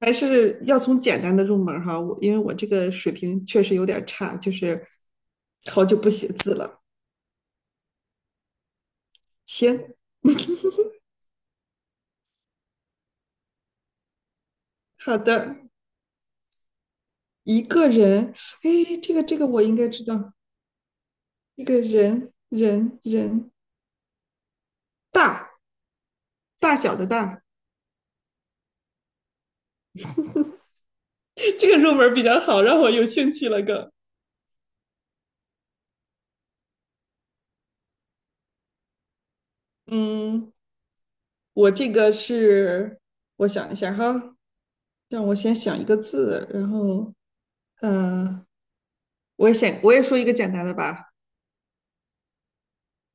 还是要从简单的入门儿哈，因为我这个水平确实有点儿差，就是好久不写字了。行，好的，一个人，哎，这个我应该知道。一个人人人大，大小的大。这个入门儿比较好，让我有兴趣了更。嗯，我这个是，我想一下哈，让我先想一个字，然后，嗯、呃我也说一个简单的吧。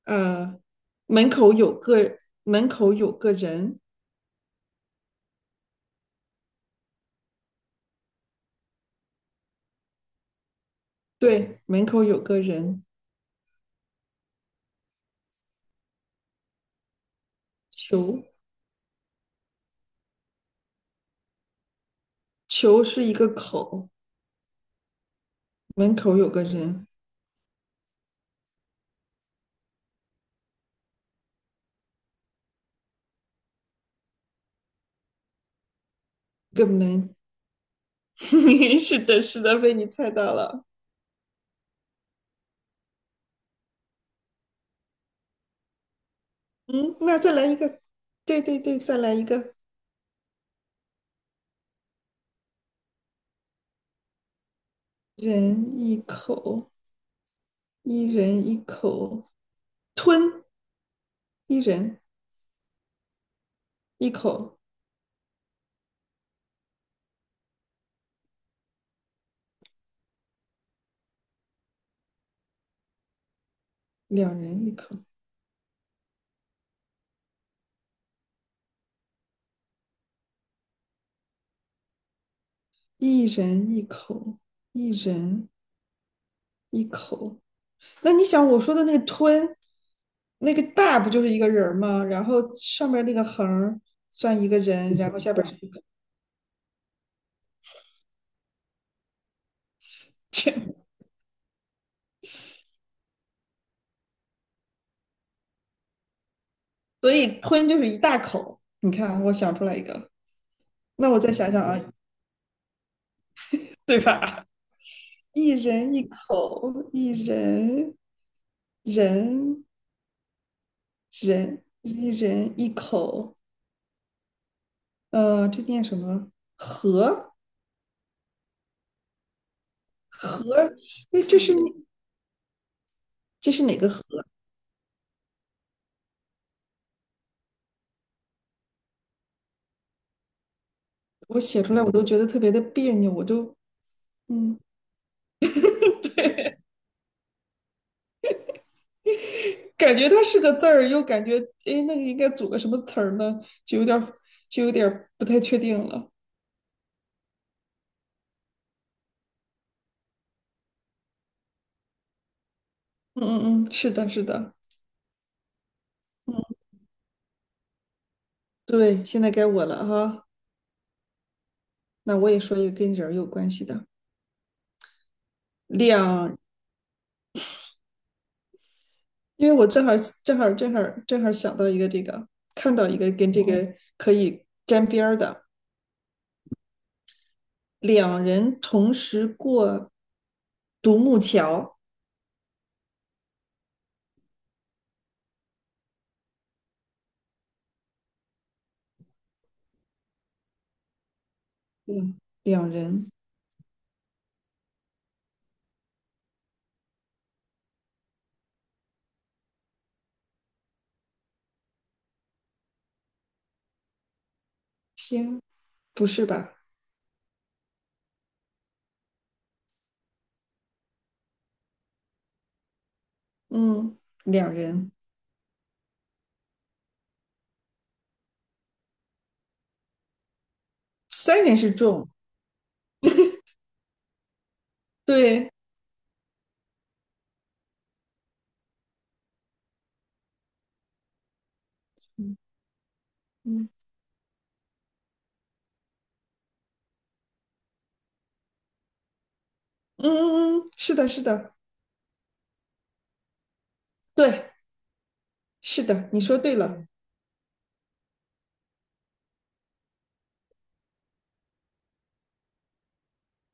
呃，门口有个门口有个人。对，门口有个人。球球是一个口。门口有个人，一个门。是的，是的，被你猜到了。嗯，那再来一个。对对对，再来一个。人一口，一人一口。吞，一人一口。两人一口，一人一口，一人一口。那你想我说的那个吞？那个大不就是一个人儿吗？然后上面那个横儿算一个人，然后下边是一个天。所以吞就是一大口。你看啊，我想出来一个，那我再想想啊，对吧？一人一口，人一人一口。这念什么？和和，这这是这是哪个和？我写出来我都觉得特别的别扭，我都嗯。对。感觉它是个字儿，又感觉哎，那个应该组个什么词儿呢？就有点儿就有点儿不太确定了。嗯嗯嗯，是的，是的。嗯，对，现在该我了哈。那我也说一个跟人儿有关系的两，因为我正好正好正好想到一个这个，看到一个跟这个可以沾边儿的，两人同时过独木桥。嗯，两人，天，不是吧？嗯，两人，三人是重。对，嗯嗯嗯嗯，嗯，是的，是的。对，是的，你说对了。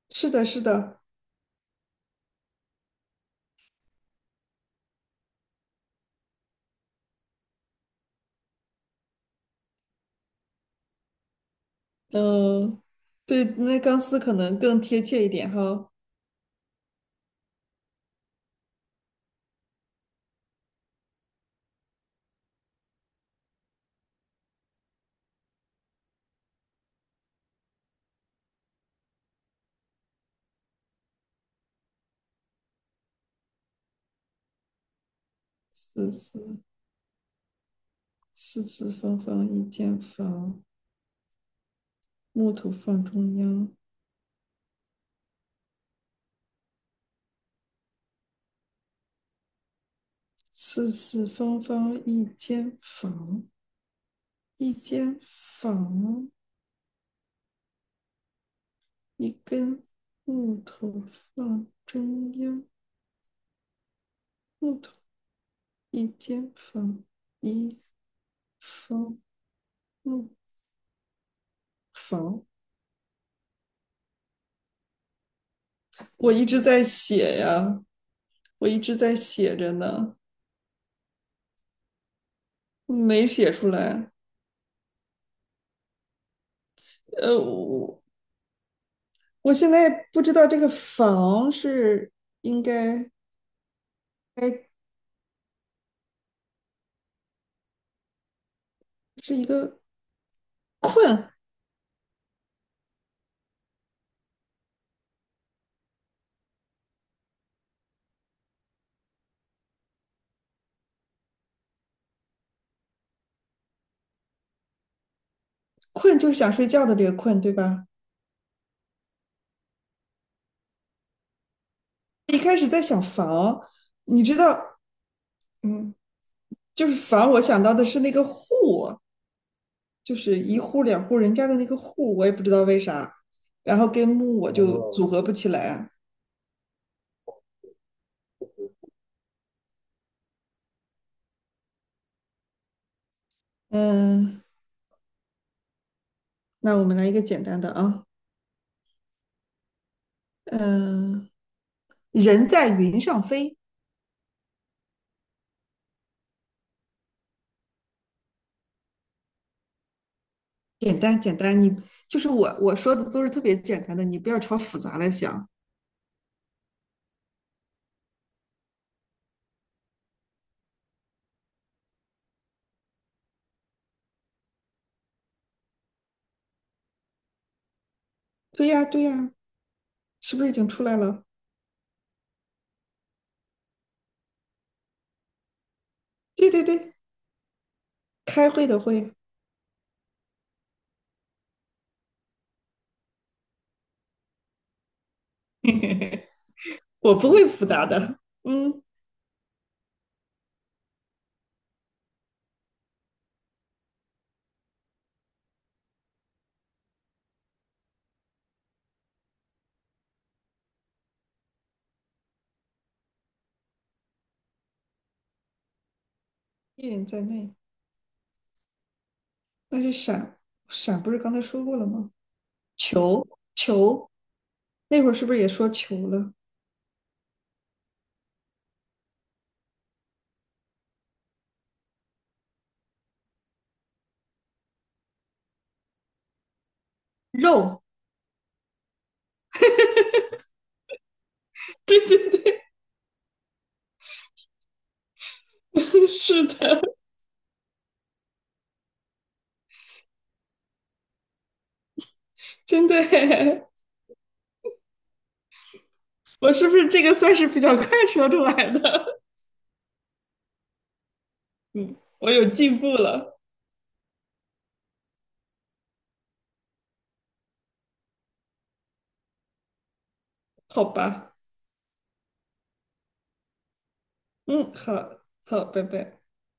是的，是的。嗯，对，那钢丝可能更贴切一点哈。四四四四方方一间房，木头放中央。四四方方一间房，一间房，一根木头放中央，木头一间房，一方木房。我一直在写呀，我一直在写着呢，没写出来。呃，我我现在不知道这个房是应该是一个困困，就是想睡觉的这个困，对吧？一开始在想房，你知道，嗯，就是房，我想到的是那个户，就是一户两户人家的那个户，我也不知道为啥，然后跟木我就哦组合不起来啊。嗯，那我们来一个简单的啊。嗯。人在云上飞。简单简单，你就是我说的都是特别简单的，你不要朝复杂来想。对呀对呀，是不是已经出来了？对对对，开会的会。 我不会复杂的。嗯，一人在内，那是闪，不是刚才说过了吗？球球，那会儿是不是也说球了？肉，对对对。是的，真的嘿，我是不是这个算是比较快说出来的？我有进步了。好吧。嗯，好好，拜拜。